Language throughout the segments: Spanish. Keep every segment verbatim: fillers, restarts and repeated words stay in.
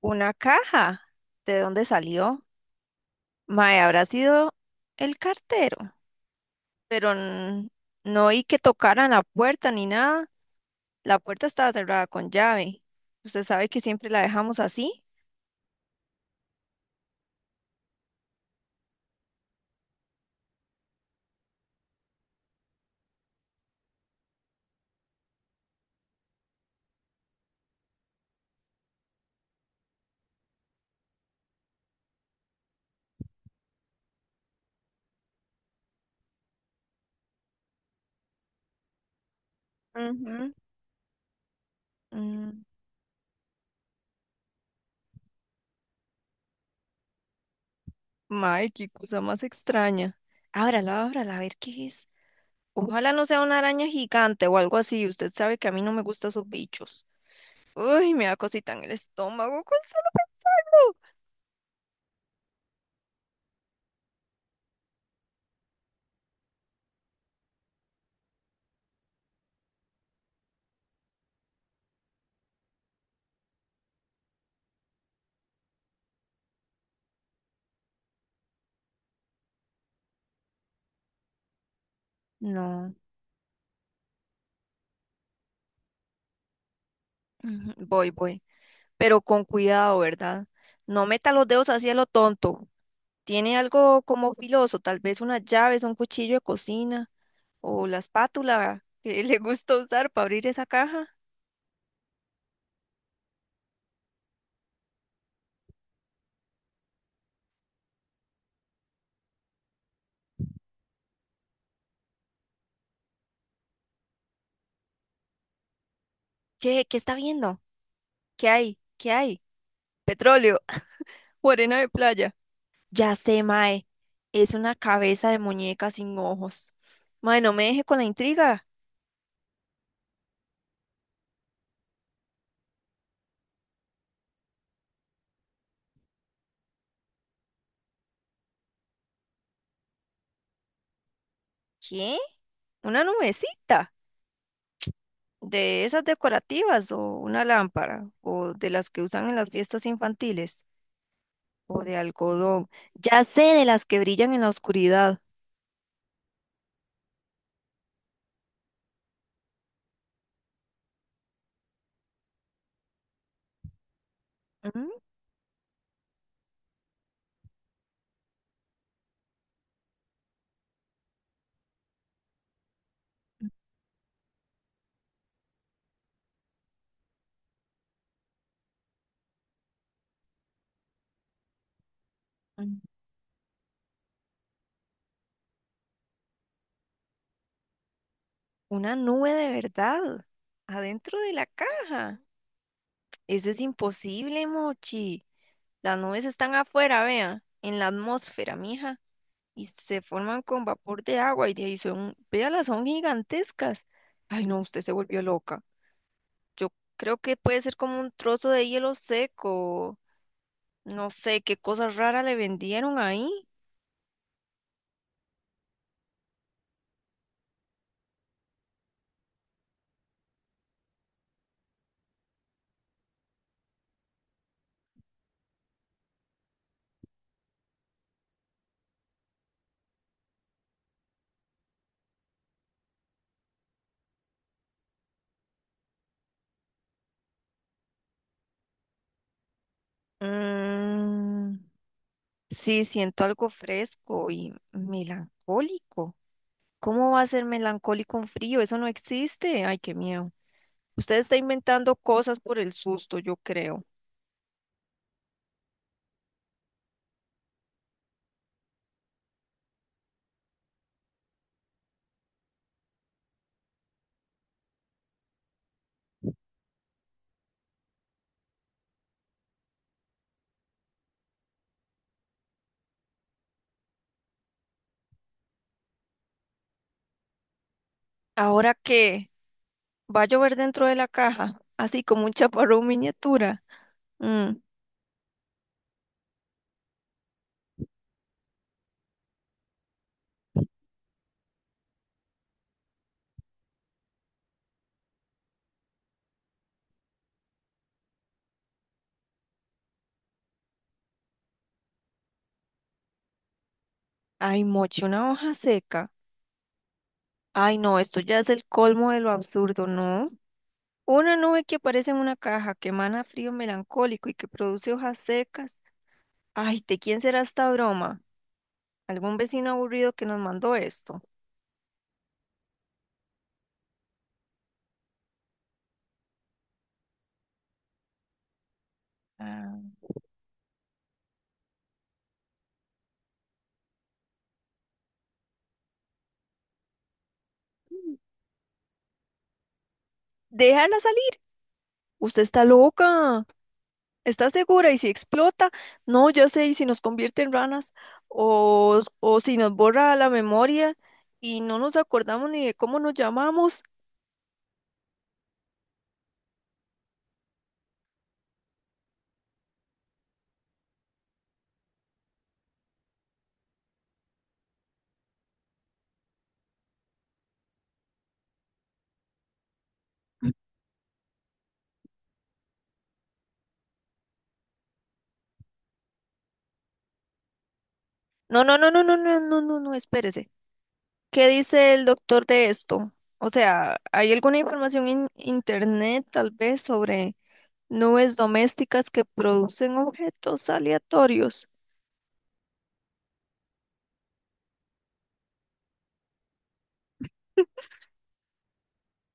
Una caja. ¿De dónde salió? Mae, habrá sido el cartero, pero n- no oí que tocaran la puerta ni nada. La puerta estaba cerrada con llave. Usted sabe que siempre la dejamos así. Ujú. Mm, Mae, qué cosa más extraña. Ábrala, ábrala, a ver qué es. Ojalá no sea una araña gigante o algo así. Usted sabe que a mí no me gustan esos bichos. Uy, me da cosita en el estómago con solo- No. Ujú. Voy, voy. pero con cuidado, ¿verdad? No meta los dedos así a lo tonto. Tiene algo como filoso, tal vez unas llaves, un cuchillo de cocina o la espátula que le gusta usar para abrir esa caja. ¿Qué? ¿Qué está viendo? ¿Qué hay? ¿Qué hay? Petróleo o arena de playa. Ya sé, mae. Es una cabeza de muñeca sin ojos. Mae, no me deje con la intriga. ¿Qué? ¿Una nubecita? ¿De esas decorativas o una lámpara? ¿O de las que usan en las fiestas infantiles? O de algodón. Ya sé, de las que brillan en la oscuridad. Mm, Mm. Una nube de verdad, adentro de la caja. Eso es imposible, Mochi. Las nubes están afuera, vea, en la atmósfera, mija, y se forman con vapor de agua y de ahí son, véalas, son gigantescas. Ay, no, usted se volvió loca. Yo creo que puede ser como un trozo de hielo seco. No sé qué cosa rara le vendieron ahí. Mm. Sí, siento algo fresco y melancólico. ¿Cómo va a ser melancólico un frío? Eso no existe. Ay, qué miedo. Usted está inventando cosas por el susto, yo creo. Ahora que va a llover dentro de la caja, así como un chaparrón miniatura. Mm, Ay, moche, una hoja seca. Ay, no, esto ya es el colmo de lo absurdo, ¿no? Una nube que aparece en una caja, que emana frío melancólico y que produce hojas secas. Ay, ¿de quién será esta broma? Algún vecino aburrido que nos mandó esto. Ah. Déjala salir. Usted está loca. ¿Está segura? ¿Y si explota? No, ya sé, ¿y si nos convierte en ranas? O, o si nos borra la memoria y no nos acordamos ni de cómo nos llamamos. No, no, no, no, no, no, no, no, no, espérese. ¿Qué dice el doctor de esto? O sea, ¿hay alguna información en internet tal vez sobre nubes domésticas que producen objetos aleatorios?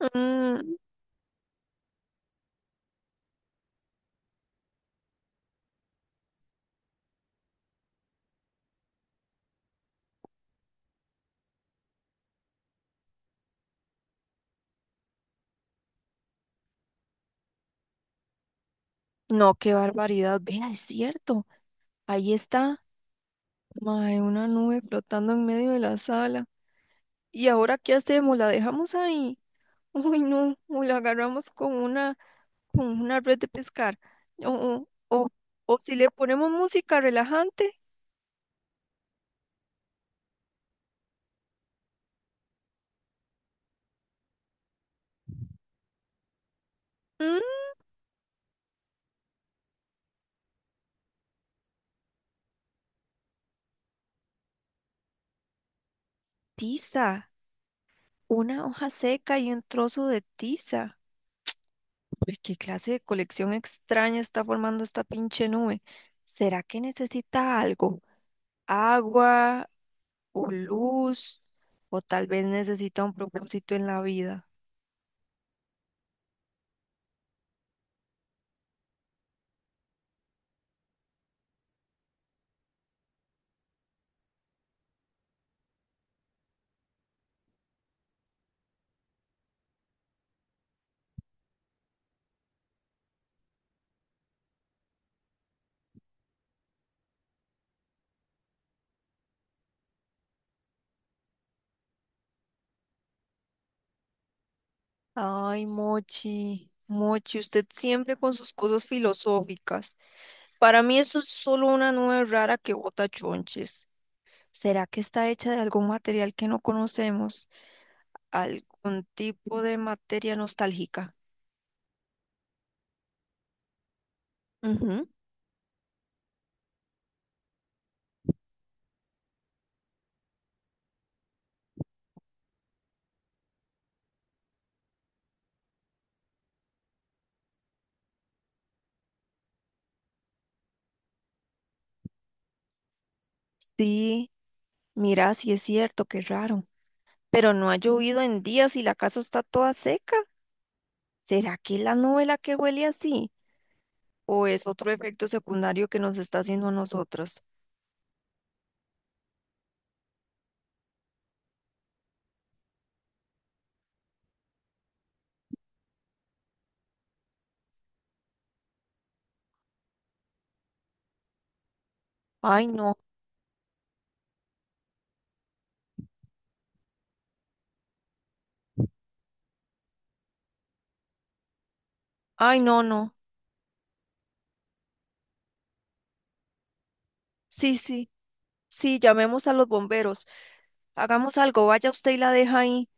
Mm, No, qué barbaridad. Vea, es cierto. Ahí está. Mae, una nube flotando en medio de la sala. ¿Y ahora qué hacemos? ¿La dejamos ahí? Uy, no. O la agarramos con una, con una red de pescar. O, o, o, o si le ponemos música relajante. Mm, Tiza. Una hoja seca y un trozo de tiza. Uy, qué clase de colección extraña está formando esta pinche nube. ¿Será que necesita algo? Agua. O luz, o tal vez necesita un propósito en la vida. Ay, Mochi, Mochi, usted siempre con sus cosas filosóficas. Para mí esto es solo una nube rara que bota chonches. ¿Será que está hecha de algún material que no conocemos? ¿Algún tipo de materia nostálgica? Ujú. Sí, mira, sí es cierto, qué raro. Pero no ha llovido en días y la casa está toda seca. ¿Será que es la nube la que huele así? ¿O es otro efecto secundario que nos está haciendo a nosotras? Ay, no, ay, no, no. Sí, sí, sí, llamemos a los bomberos. Hagamos algo, vaya usted y la deja ahí.